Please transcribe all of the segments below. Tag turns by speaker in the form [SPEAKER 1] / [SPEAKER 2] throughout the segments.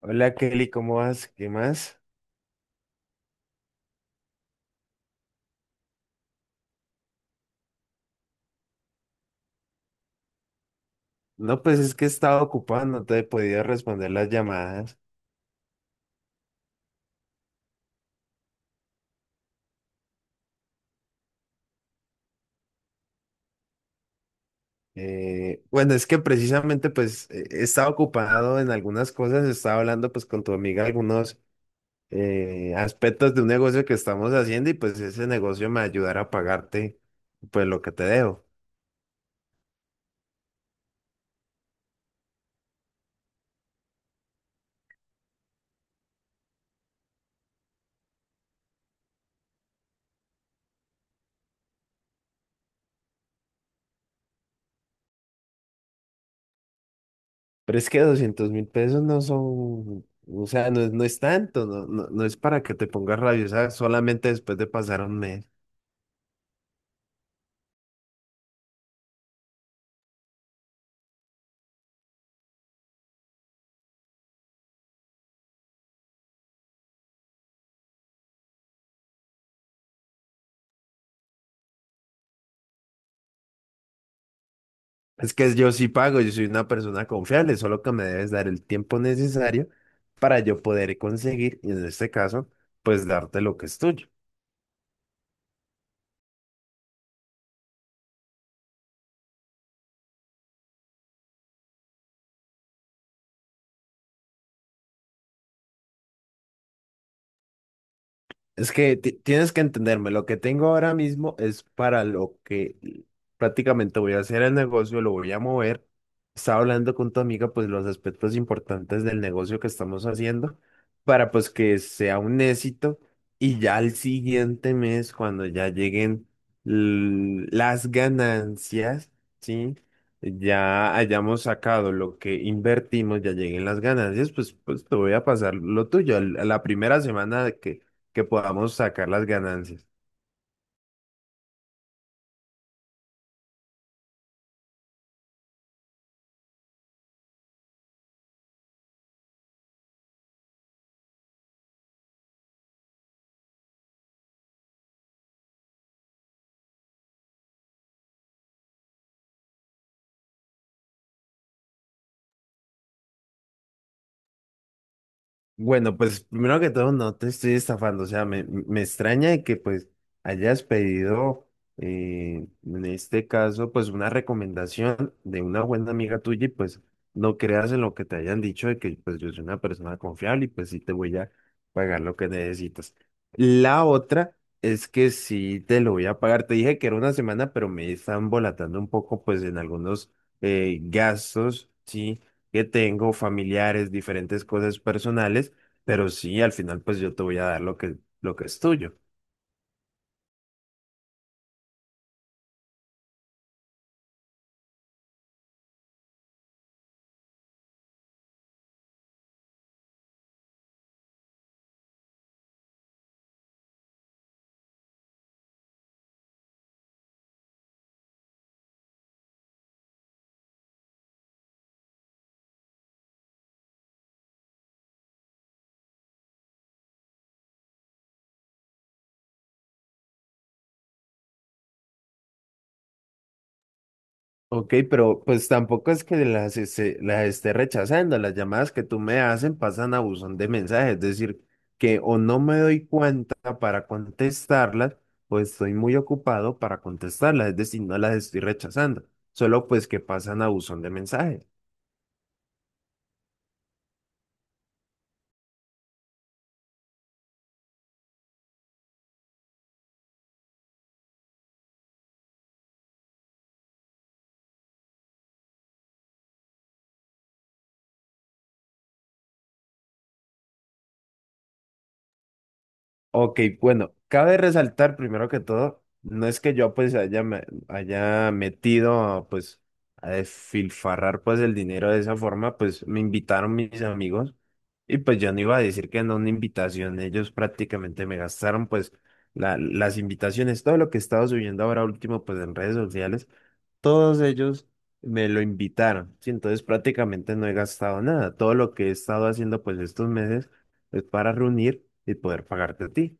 [SPEAKER 1] Hola Kelly, ¿cómo vas? ¿Qué más? No, pues es que estaba ocupado, no te he podido responder las llamadas. Bueno, es que precisamente pues estaba ocupado en algunas cosas, estaba hablando pues con tu amiga algunos aspectos de un negocio que estamos haciendo y pues ese negocio me ayudará a pagarte pues lo que te debo. Pero es que 200.000 pesos no son, o sea, no es tanto, no, no, no es para que te pongas rabiosa solamente después de pasar un mes. Es que yo sí pago, yo soy una persona confiable, solo que me debes dar el tiempo necesario para yo poder conseguir, y en este caso, pues darte lo que es tuyo. Es que tienes que entenderme, lo que tengo ahora mismo es para lo que prácticamente voy a hacer el negocio, lo voy a mover. Estaba hablando con tu amiga, pues los aspectos importantes del negocio que estamos haciendo para pues que sea un éxito y ya al siguiente mes, cuando ya lleguen las ganancias, ¿sí? Ya hayamos sacado lo que invertimos, ya lleguen las ganancias, pues te voy a pasar lo tuyo. A la primera semana que podamos sacar las ganancias. Bueno, pues primero que todo, no te estoy estafando, o sea, me extraña de que pues hayas pedido, en este caso, pues una recomendación de una buena amiga tuya y pues no creas en lo que te hayan dicho de que pues yo soy una persona confiable y pues sí te voy a pagar lo que necesitas. La otra es que sí te lo voy a pagar, te dije que era una semana, pero me están volatando un poco pues en algunos gastos, sí que tengo, familiares, diferentes cosas personales, pero sí, al final pues yo te voy a dar lo que es tuyo. Ok, pero pues tampoco es que las esté rechazando. Las llamadas que tú me hacen pasan a buzón de mensajes, es decir, que o no me doy cuenta para contestarlas, o estoy muy ocupado para contestarlas, es decir, no las estoy rechazando, solo pues que pasan a buzón de mensajes. Ok, bueno, cabe resaltar primero que todo, no es que yo pues haya metido pues a desfilfarrar pues el dinero de esa forma, pues me invitaron mis amigos y pues yo no iba a decir que no una invitación, ellos prácticamente me gastaron pues las invitaciones, todo lo que he estado subiendo ahora último pues en redes sociales, todos ellos me lo invitaron, sí, entonces prácticamente no he gastado nada, todo lo que he estado haciendo pues estos meses es para reunir y poder pagarte a ti.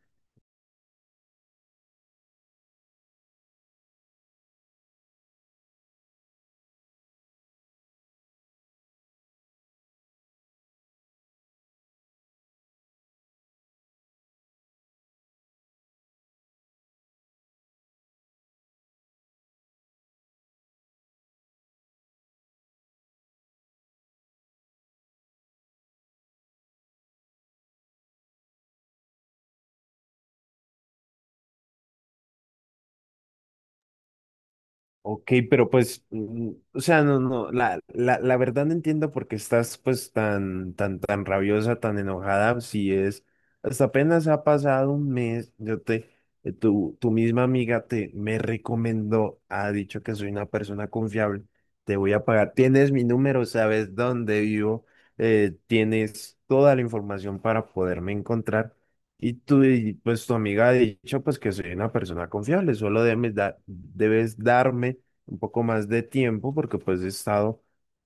[SPEAKER 1] Ok, pero pues, o sea, no, no, la verdad no entiendo por qué estás pues tan rabiosa, tan enojada, si es, hasta apenas ha pasado un mes, tu misma amiga me recomendó, ha dicho que soy una persona confiable, te voy a pagar, tienes mi número, sabes dónde vivo, tienes toda la información para poderme encontrar, pues tu amiga ha dicho pues que soy una persona confiable, solo debes darme un poco más de tiempo porque pues he estado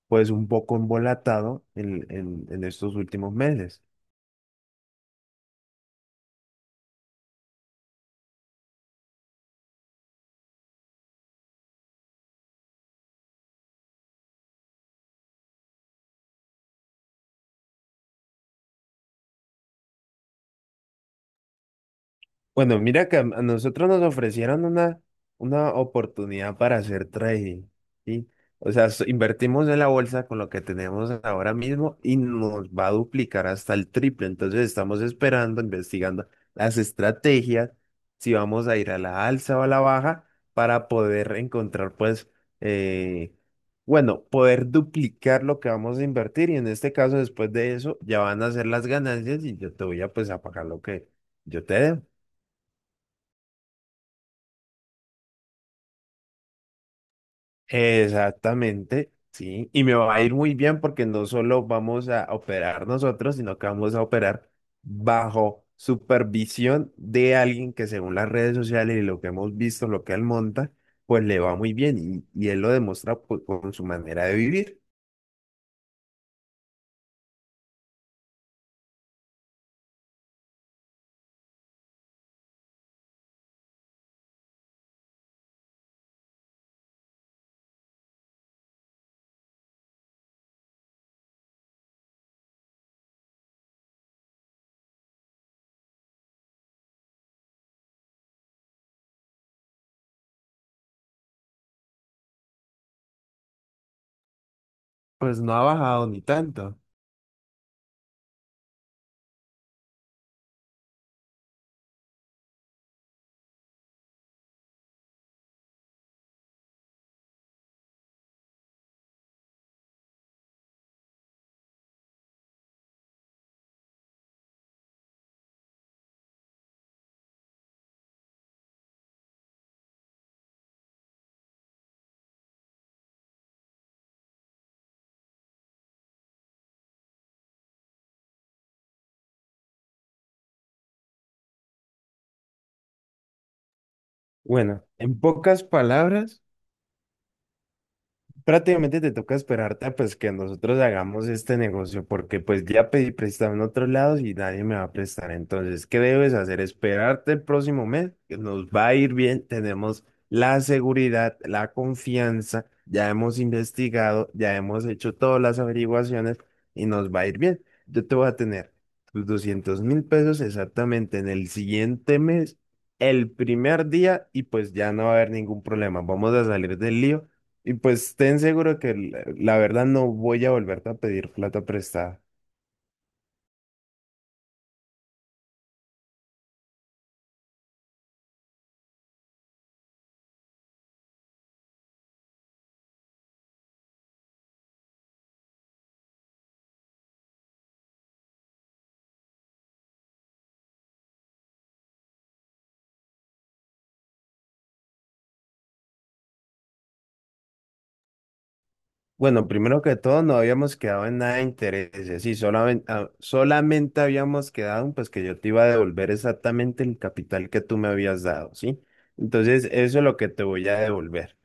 [SPEAKER 1] pues un poco embolatado en estos últimos meses. Bueno, mira que a nosotros nos ofrecieron una oportunidad para hacer trading, ¿sí? O sea, invertimos en la bolsa con lo que tenemos ahora mismo y nos va a duplicar hasta el triple. Entonces estamos esperando, investigando las estrategias, si vamos a ir a la alza o a la baja para poder encontrar, eh, bueno, poder duplicar lo que vamos a invertir y en este caso, después de eso, ya van a ser las ganancias y yo te pues, a pagar lo que yo te debo. Exactamente, sí. Y me va a ir muy bien porque no solo vamos a operar nosotros, sino que vamos a operar bajo supervisión de alguien que según las redes sociales y lo que hemos visto, lo que él monta, pues le va muy bien y él lo demuestra pues, con su manera de vivir. Pues no ha bajado ni tanto. Bueno, en pocas palabras, prácticamente te toca esperarte a, pues que nosotros hagamos este negocio, porque pues ya pedí prestado en otros lados y nadie me va a prestar. Entonces, ¿qué debes hacer? Esperarte el próximo mes, que nos va a ir bien, tenemos la seguridad, la confianza, ya hemos investigado, ya hemos hecho todas las averiguaciones y nos va a ir bien. Yo te voy a tener tus 200.000 pesos exactamente en el siguiente mes. El primer día y pues ya no va a haber ningún problema. Vamos a salir del lío y pues ten seguro que la verdad no voy a volverte a pedir plata prestada. Bueno, primero que todo, no habíamos quedado en nada de intereses y solamente habíamos quedado en pues que yo te iba a devolver exactamente el capital que tú me habías dado, ¿sí? Entonces, eso es lo que te voy a devolver.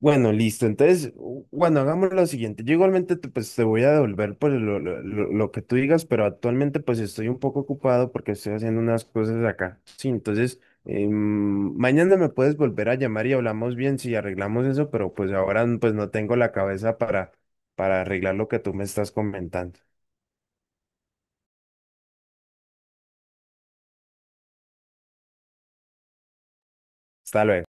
[SPEAKER 1] Bueno, listo. Entonces, bueno, hagamos lo siguiente. Yo igualmente te, pues, Te voy a devolver por lo que tú digas, pero actualmente pues estoy un poco ocupado porque estoy haciendo unas cosas acá. Sí, entonces, mañana me puedes volver a llamar y hablamos bien si arreglamos eso, pero pues ahora pues no tengo la cabeza para arreglar lo que tú me estás comentando. Hasta luego.